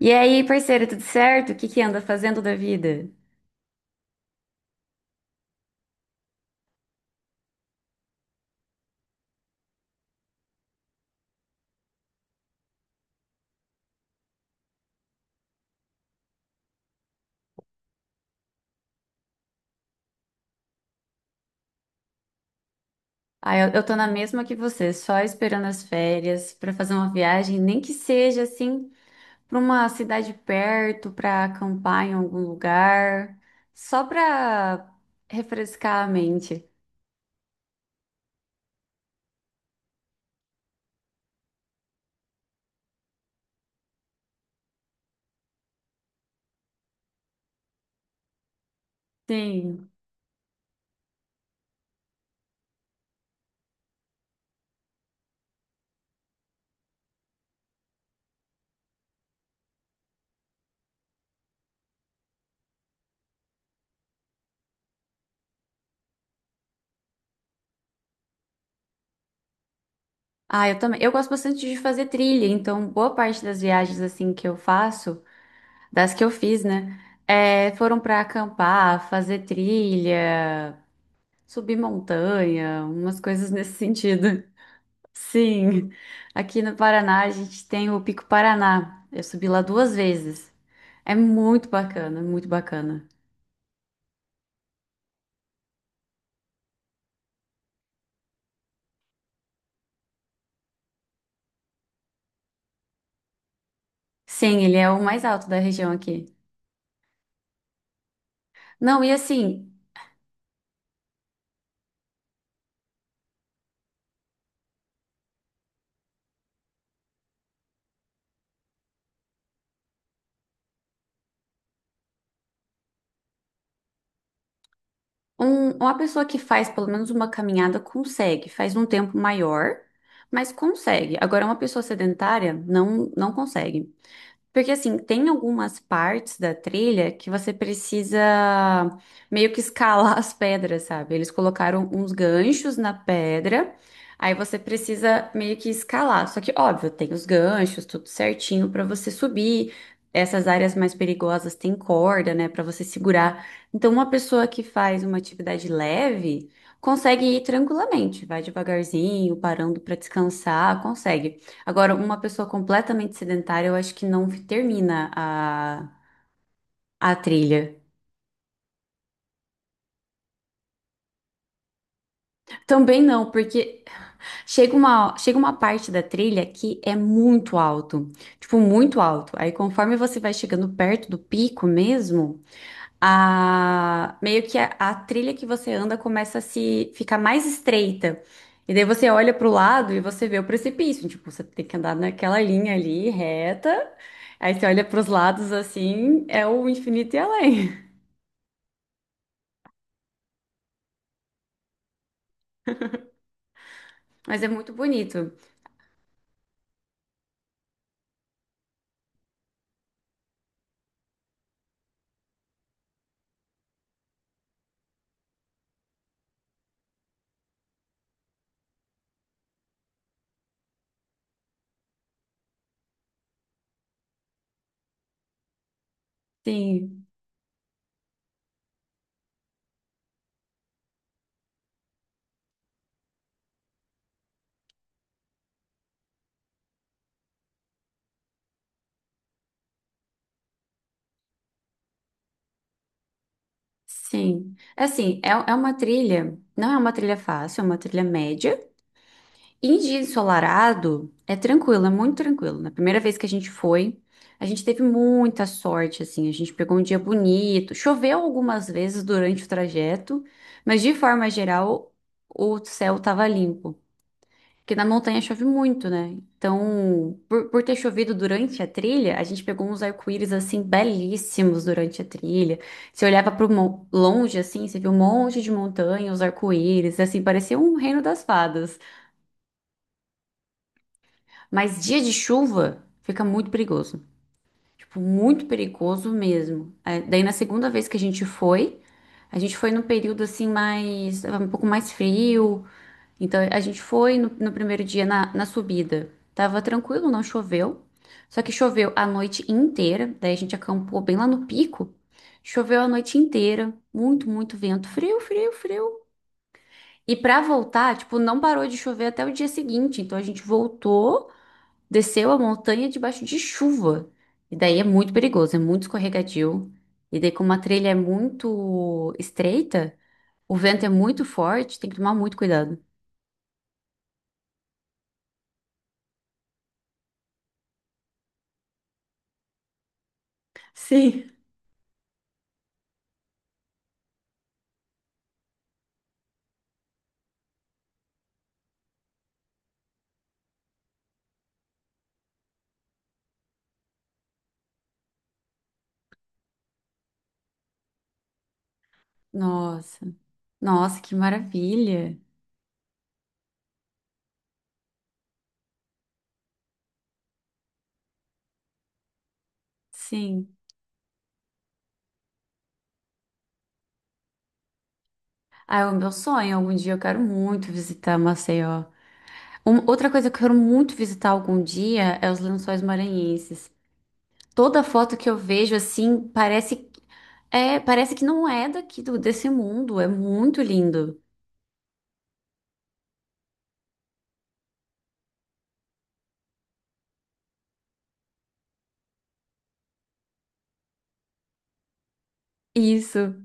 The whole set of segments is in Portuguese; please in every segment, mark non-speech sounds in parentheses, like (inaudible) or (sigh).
E aí, parceira, tudo certo? O que que anda fazendo da vida? Ah, eu tô na mesma que você, só esperando as férias pra fazer uma viagem, nem que seja assim pra uma cidade perto, pra acampar em algum lugar, só pra refrescar a mente. Sim. Ah, eu também. Eu gosto bastante de fazer trilha, então boa parte das viagens assim que eu faço, das que eu fiz, né, foram pra acampar, fazer trilha, subir montanha, umas coisas nesse sentido. Sim, aqui no Paraná a gente tem o Pico Paraná. Eu subi lá duas vezes. É muito bacana, muito bacana. Sim, ele é o mais alto da região aqui. Não, e assim, uma pessoa que faz pelo menos uma caminhada consegue, faz um tempo maior, mas consegue. Agora, uma pessoa sedentária não, não consegue. Porque assim, tem algumas partes da trilha que você precisa meio que escalar (laughs) as pedras, sabe? Eles colocaram uns ganchos na pedra, aí você precisa meio que escalar. Só que, óbvio, tem os ganchos, tudo certinho pra você subir. Essas áreas mais perigosas tem corda, né, pra você segurar. Então, uma pessoa que faz uma atividade leve consegue ir tranquilamente, vai devagarzinho, parando pra descansar, consegue. Agora, uma pessoa completamente sedentária, eu acho que não termina a trilha. Também não, porque chega uma parte da trilha que é muito alto, tipo, muito alto. Aí, conforme você vai chegando perto do pico mesmo, a meio que a trilha que você anda começa a se ficar mais estreita. E daí você olha para o lado e você vê o precipício. Tipo, você tem que andar naquela linha ali reta. Aí você olha para os lados assim, é o infinito e além. (laughs) Mas é muito bonito. Sim, sim. É assim, é uma trilha, não é uma trilha fácil, é uma trilha média. Em dia ensolarado, é tranquilo, é muito tranquilo. Na primeira vez que a gente foi, a gente teve muita sorte, assim, a gente pegou um dia bonito. Choveu algumas vezes durante o trajeto, mas de forma geral, o céu estava limpo. Porque na montanha chove muito, né? Então, por ter chovido durante a trilha, a gente pegou uns arco-íris, assim, belíssimos durante a trilha. Você olhava para longe, assim, você via um monte de montanha, os arco-íris, assim, parecia um reino das fadas. Mas dia de chuva fica muito perigoso. Tipo, muito perigoso mesmo. É, daí na segunda vez que a gente foi num período assim mais, tava um pouco mais frio. Então a gente foi no primeiro dia na subida. Tava tranquilo, não choveu. Só que choveu a noite inteira. Daí a gente acampou bem lá no pico. Choveu a noite inteira. Muito, muito vento. Frio, frio, frio. E pra voltar, tipo, não parou de chover até o dia seguinte. Então a gente voltou desceu a montanha debaixo de chuva. E daí é muito perigoso, é muito escorregadio. E daí, como a trilha é muito estreita, o vento é muito forte, tem que tomar muito cuidado. Sim. Nossa, nossa, que maravilha! Sim. Ah, é o meu sonho. Algum dia eu quero muito visitar Maceió. Outra coisa que eu quero muito visitar algum dia é os Lençóis Maranhenses. Toda foto que eu vejo assim parece é, parece que não é daqui do, desse mundo. É muito lindo. Isso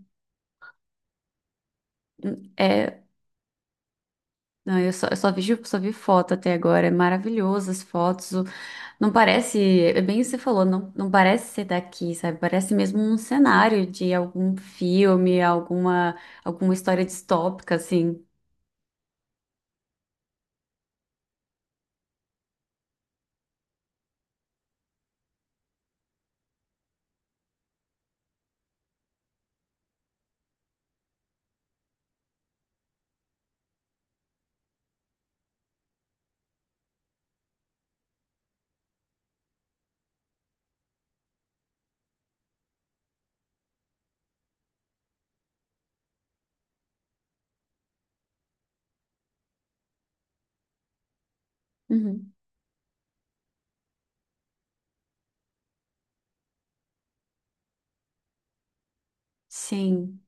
é. Não, eu só vejo, só vi foto até agora. É maravilhoso as fotos. Não parece, é bem o que você falou, não, não parece ser daqui, sabe? Parece mesmo um cenário de algum filme, alguma, alguma história distópica, assim. Uhum. Sim.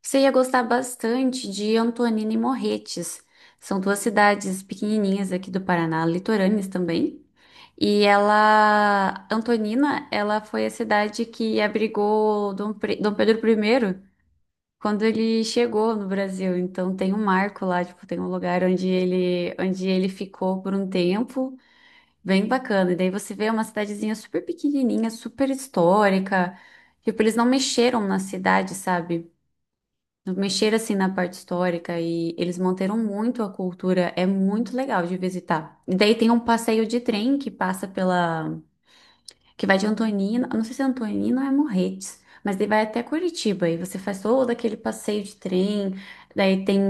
Você ia gostar bastante de Antonina e Morretes. São duas cidades pequenininhas aqui do Paraná, litorâneas também. E ela, Antonina, ela foi a cidade que abrigou Dom Pedro I quando ele chegou no Brasil. Então tem um marco lá, tipo, tem um lugar onde ele ficou por um tempo, bem bacana. E daí você vê uma cidadezinha super pequenininha, super histórica. Tipo, eles não mexeram na cidade, sabe? Mexer assim na parte histórica e eles manteram muito a cultura, é muito legal de visitar. E daí tem um passeio de trem que passa pela, que vai de Antonina, eu não sei se é Antonina ou é Morretes, mas daí vai até Curitiba e você faz todo aquele passeio de trem. Daí tem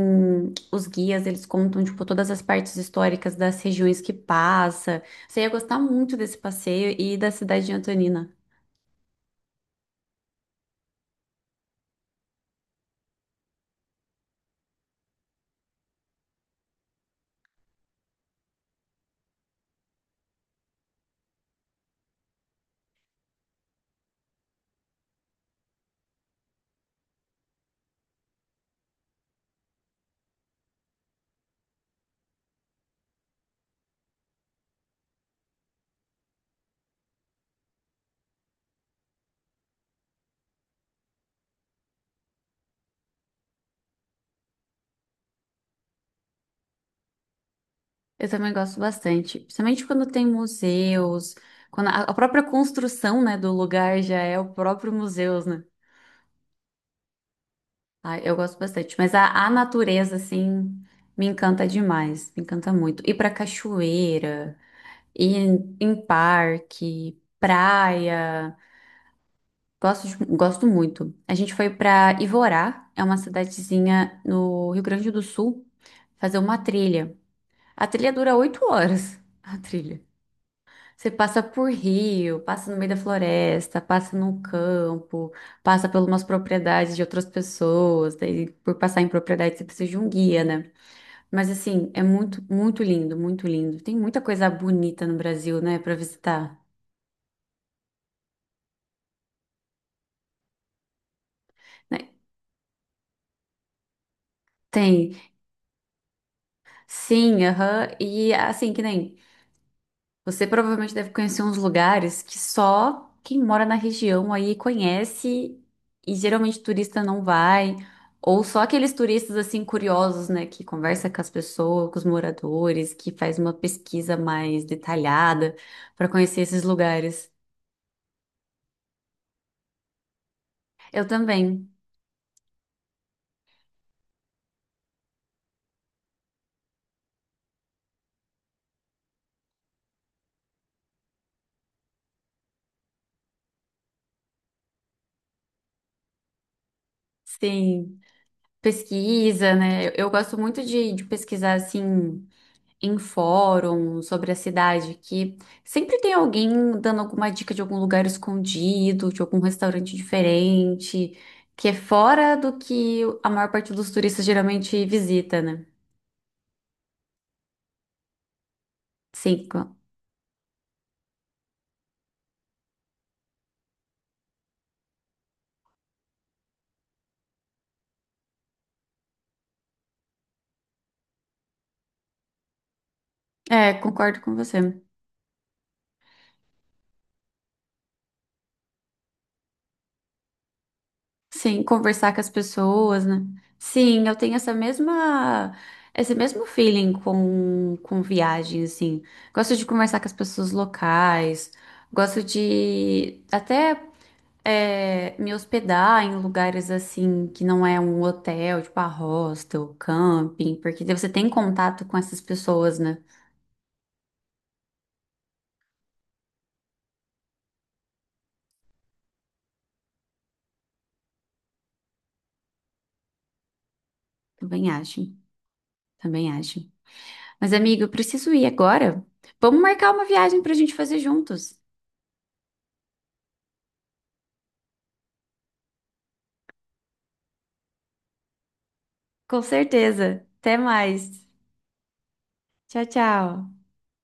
os guias, eles contam tipo todas as partes históricas das regiões que passa. Você ia gostar muito desse passeio e da cidade de Antonina. Eu também gosto bastante, principalmente quando tem museus, quando a própria construção, né, do lugar já é o próprio museu, né? Ah, eu gosto bastante, mas a natureza, assim, me encanta demais, me encanta muito. Ir pra cachoeira, ir em parque, praia, gosto, gosto muito. A gente foi pra Ivorá, é uma cidadezinha no Rio Grande do Sul, fazer uma trilha. A trilha dura 8 horas, (laughs) a trilha. Você passa por rio, passa no meio da floresta, passa no campo, passa por umas propriedades de outras pessoas, daí por passar em propriedade você precisa de um guia, né? Mas assim, é muito, muito lindo, muito lindo. Tem muita coisa bonita no Brasil, né, pra visitar. Né? Tem, sim, aham. E assim, que nem. Você provavelmente deve conhecer uns lugares que só quem mora na região aí conhece e geralmente turista não vai, ou só aqueles turistas assim curiosos, né, que conversa com as pessoas, com os moradores, que faz uma pesquisa mais detalhada para conhecer esses lugares. Eu também, sim, pesquisa, né? Eu gosto muito de pesquisar assim em fórum sobre a cidade, que sempre tem alguém dando alguma dica de algum lugar escondido, de algum restaurante diferente, que é fora do que a maior parte dos turistas geralmente visita, né? Sim, concordo com você. Sim, conversar com as pessoas, né? Sim, eu tenho essa mesma, esse mesmo feeling com viagem, assim. Gosto de conversar com as pessoas locais, gosto de até me hospedar em lugares assim que não é um hotel, tipo a hostel, camping, porque daí você tem contato com essas pessoas, né? Também acho, também acho. Mas, amigo, eu preciso ir agora. Vamos marcar uma viagem pra gente fazer juntos. Com certeza. Até mais. Tchau, tchau.